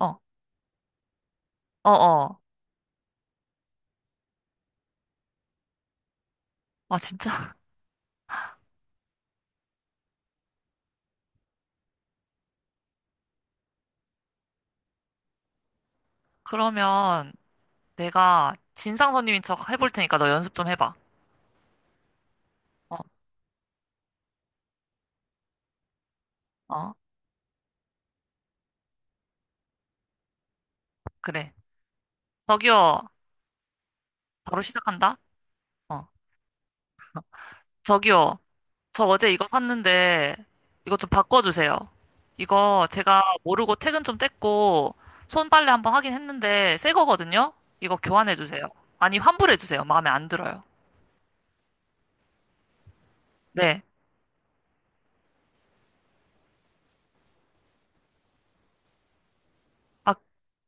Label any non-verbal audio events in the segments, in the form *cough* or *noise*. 어, 어. 아, 진짜? *laughs* 그러면 내가 진상 손님인 척 해볼 테니까 너 연습 좀 해봐. 어, 어, 그래. 저기요, 바로 시작한다. 어, 저기요, 저 어제 이거 샀는데 이거 좀 바꿔주세요. 이거 제가 모르고 퇴근 좀 뗐고 손빨래 한번 하긴 했는데 새 거거든요? 이거 교환해주세요. 아니, 환불해주세요. 마음에 안 들어요. 네. 아,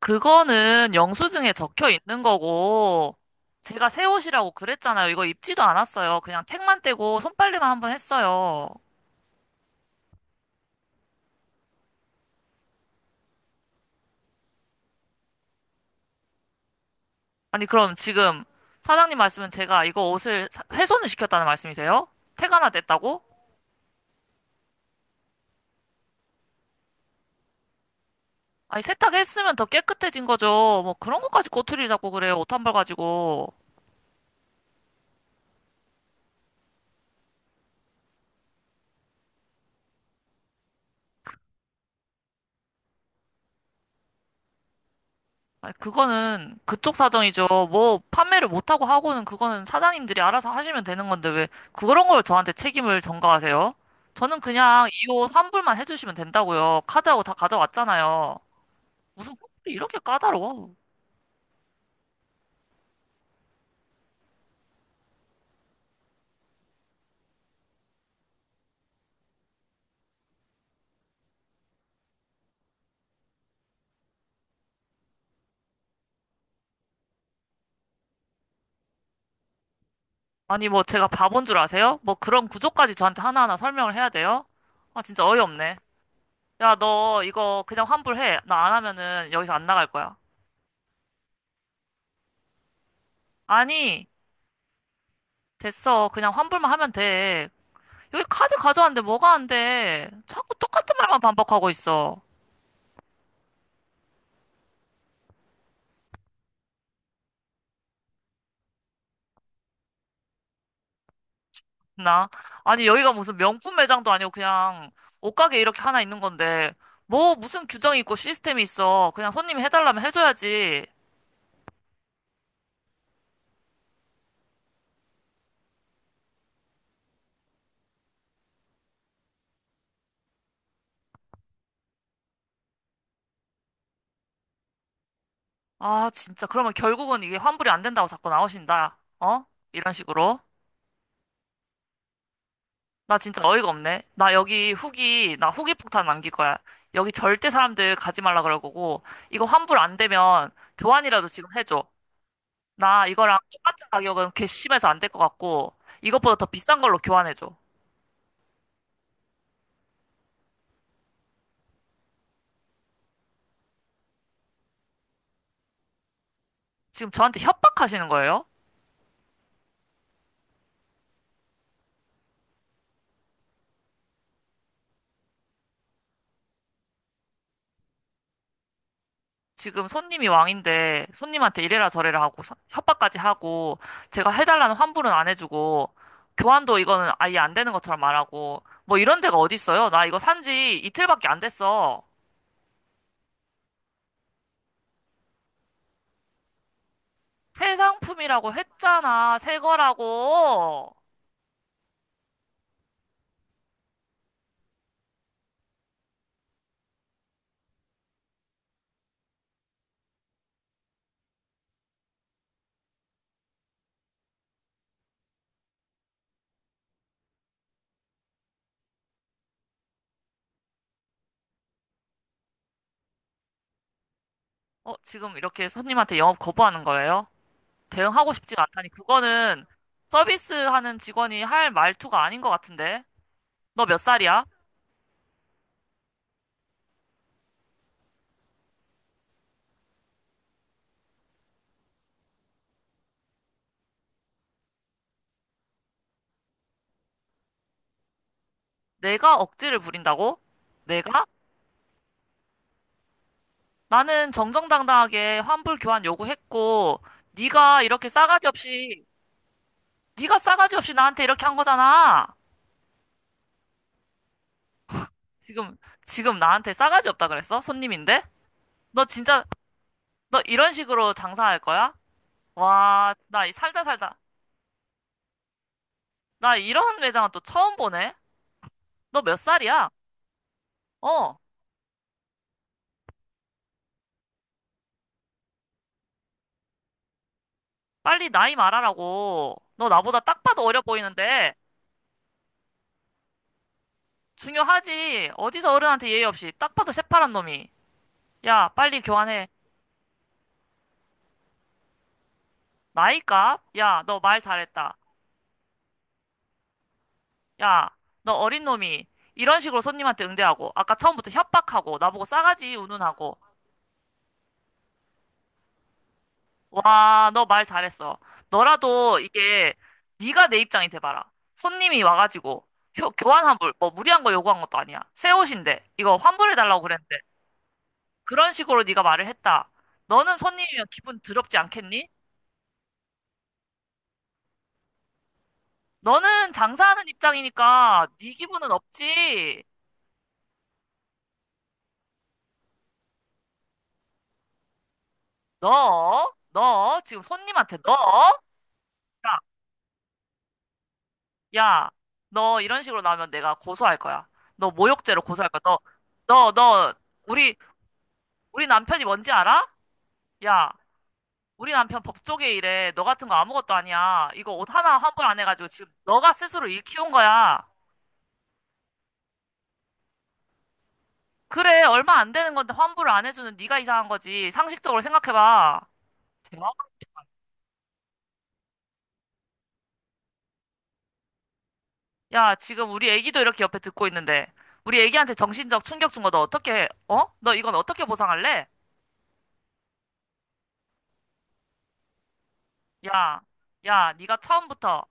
그거는 영수증에 적혀 있는 거고, 제가 새 옷이라고 그랬잖아요. 이거 입지도 않았어요. 그냥 택만 떼고 손빨래만 한 번 했어요. 아니, 그럼 지금 사장님 말씀은 제가 훼손을 시켰다는 말씀이세요? 택 하나 냈다고? 아니, 세탁했으면 더 깨끗해진 거죠. 뭐 그런 것까지 꼬투리를 잡고 그래요. 옷 한 벌 가지고. 아, 그거는 그쪽 사정이죠. 뭐 판매를 못하고 하고는 그거는 사장님들이 알아서 하시면 되는 건데 왜 그런 걸 저한테 책임을 전가하세요? 저는 그냥 이 옷 환불만 해주시면 된다고요. 카드하고 다 가져왔잖아요. 무슨 환불이 이렇게 까다로워? 아니 뭐 제가 바본 줄 아세요? 뭐 그런 구조까지 저한테 하나하나 설명을 해야 돼요? 아 진짜 어이없네. 야 너 이거 그냥 환불해. 나 안 하면은 여기서 안 나갈 거야. 아니 됐어. 그냥 환불만 하면 돼. 여기 카드 가져왔는데 뭐가 안 돼? 자꾸 똑같은 말만 반복하고 있어. 나? 아니, 여기가 무슨 명품 매장도 아니고 그냥 옷가게 이렇게 하나 있는 건데, 뭐 무슨 규정이 있고 시스템이 있어. 그냥 손님이 해달라면 해줘야지. 아, 진짜. 그러면 결국은 이게 환불이 안 된다고 자꾸 나오신다. 어? 이런 식으로. 나 진짜 어이가 없네. 나 후기 폭탄 남길 거야. 여기 절대 사람들 가지 말라 그럴 거고, 이거 환불 안 되면 교환이라도 지금 해줘. 나 이거랑 똑같은 가격은 괘씸해서 안 될 것 같고, 이것보다 더 비싼 걸로 교환해줘. 지금 저한테 협박하시는 거예요? 지금 손님이 왕인데, 손님한테 이래라 저래라 하고, 협박까지 하고, 제가 해달라는 환불은 안 해주고, 교환도 이거는 아예 안 되는 것처럼 말하고, 뭐 이런 데가 어딨어요? 나 이거 산지 이틀밖에 안 됐어. 새 상품이라고 했잖아. 새 거라고. 어, 지금 이렇게 손님한테 영업 거부하는 거예요? 대응하고 싶지가 않다니 그거는 서비스하는 직원이 할 말투가 아닌 것 같은데. 너 몇 살이야? 내가 억지를 부린다고? 내가? 나는 정정당당하게 환불 교환 요구했고 네가 이렇게 싸가지 없이 네가 싸가지 없이 나한테 이렇게 한 거잖아. 지금 지금 나한테 싸가지 없다 그랬어? 손님인데? 너 진짜 너 이런 식으로 장사할 거야? 와, 나 이 살다 살다 나 이런 매장은 또 처음 보네. 너 몇 살이야? 어. 빨리 나이 말하라고. 너 나보다 딱 봐도 어려 보이는데. 중요하지. 어디서 어른한테 예의 없이. 딱 봐도 새파란 놈이. 야, 빨리 교환해. 나이 값? 야, 너 말 잘했다. 야, 너 어린 놈이. 이런 식으로 손님한테 응대하고. 아까 처음부터 협박하고. 나보고 싸가지 운운하고. 와, 너 말 잘했어. 너라도 이게 네가 내 입장이 돼봐라. 손님이 와가지고. 교환 환불. 뭐 무리한 거 요구한 것도 아니야. 새 옷인데. 이거 환불해달라고 그랬는데. 그런 식으로 네가 말을 했다. 너는 손님이면 기분 더럽지 않겠니? 너는 장사하는 입장이니까 네 기분은 없지. 너 지금 손님한테 너, 야, 야, 너 이런 식으로 나오면 내가 고소할 거야. 너 모욕죄로 고소할 거야. 너, 너, 너 우리 우리 남편이 뭔지 알아? 야, 우리 남편 법조계 일해. 너 같은 거 아무것도 아니야. 이거 옷 하나 환불 안 해가지고 지금 너가 스스로 일 키운 거야. 그래, 얼마 안 되는 건데 환불을 안 해주는 네가 이상한 거지. 상식적으로 생각해봐. 대박. 야, 지금 우리 애기도 이렇게 옆에 듣고 있는데, 우리 애기한테 정신적 충격 준 거 너 어떻게 해? 어? 너 이건 어떻게 보상할래? 야, 야, 네가 처음부터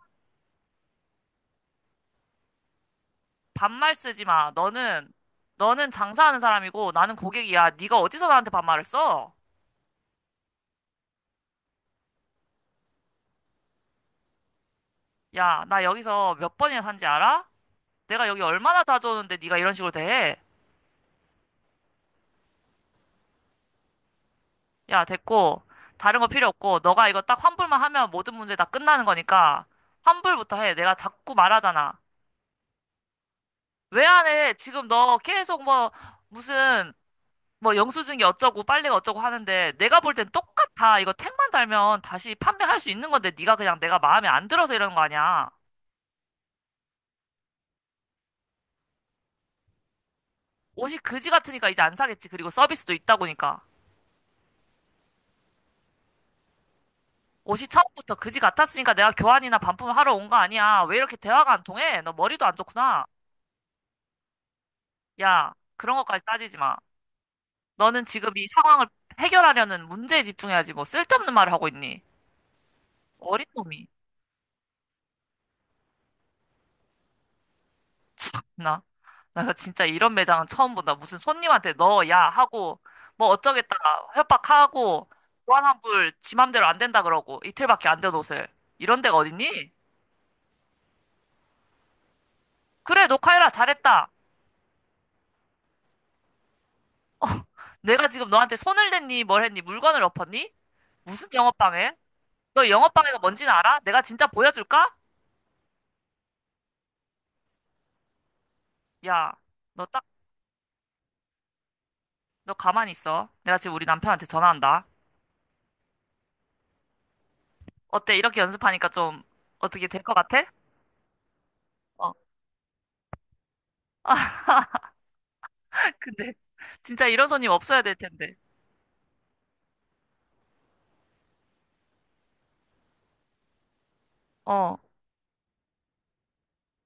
반말 쓰지 마. 너는, 너는 장사하는 사람이고 나는 고객이야. 네가 어디서 나한테 반말을 써? 야, 나 여기서 몇 번이나 산지 알아? 내가 여기 얼마나 자주 오는데 네가 이런 식으로 대해? 야, 됐고, 다른 거 필요 없고, 너가 이거 딱 환불만 하면 모든 문제 다 끝나는 거니까, 환불부터 해. 내가 자꾸 말하잖아. 왜 안 해? 지금 너 계속 뭐, 무슨, 뭐, 영수증이 어쩌고, 빨래가 어쩌고 하는데, 내가 볼 땐 똑같아. 이거 택만 달면 다시 판매할 수 있는 건데, 네가 그냥 내가 마음에 안 들어서 이러는 거 아니야. 옷이 그지 같으니까 이제 안 사겠지. 그리고 서비스도 있다고니까. 옷이 처음부터 그지 같았으니까 내가 교환이나 반품을 하러 온 거 아니야. 왜 이렇게 대화가 안 통해? 너 머리도 안 좋구나. 야, 그런 것까지 따지지 마. 너는 지금 이 상황을 해결하려는 문제에 집중해야지 뭐 쓸데없는 말을 하고 있니? 어린 놈이. 참나. 나 진짜 이런 매장은 처음 본다. 무슨 손님한테 너, 야 하고 뭐 어쩌겠다 협박하고 보안환불 지 맘대로 안 된다 그러고 이틀밖에 안 된 옷을 이런 데가 어딨니? 그래 녹화해라 잘했다. 내가 지금 너한테 손을 댔니 뭘 했니 물건을 엎었니? 무슨 영업방해? 너 영업방해가 뭔지는 알아? 내가 진짜 보여줄까? 야, 너 딱, 너 가만히 있어. 내가 지금 우리 남편한테 전화한다. 어때? 이렇게 연습하니까 좀 어떻게 될 것 같아? 어. 아, 근데 *laughs* 진짜 이런 손님 없어야 될 텐데. 어.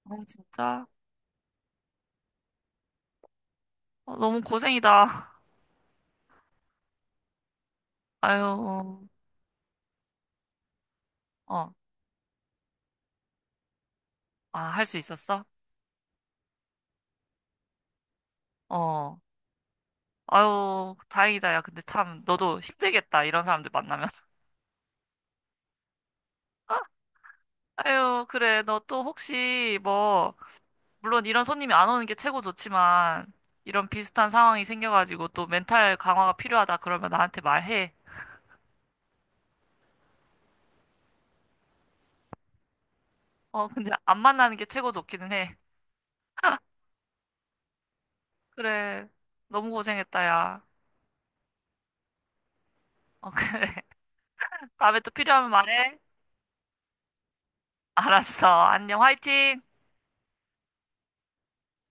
어, 진짜? 어, 너무 고생이다. 아유. 어. 아, 할 수 있었어? 어. 아유, 다행이다. 야, 근데 참 너도 힘들겠다. 이런 사람들 만나면. *laughs* 아유, 그래. 너 또 혹시 뭐 물론 이런 손님이 안 오는 게 최고 좋지만 이런 비슷한 상황이 생겨가지고 또 멘탈 강화가 필요하다 그러면 나한테 말해. 어, 근데 안 만나는 게 최고 좋기는 해. 그래. 너무 고생했다, 야. 어, 그래. *laughs* 다음에 또 필요하면 말해. 알았어. 안녕. 화이팅!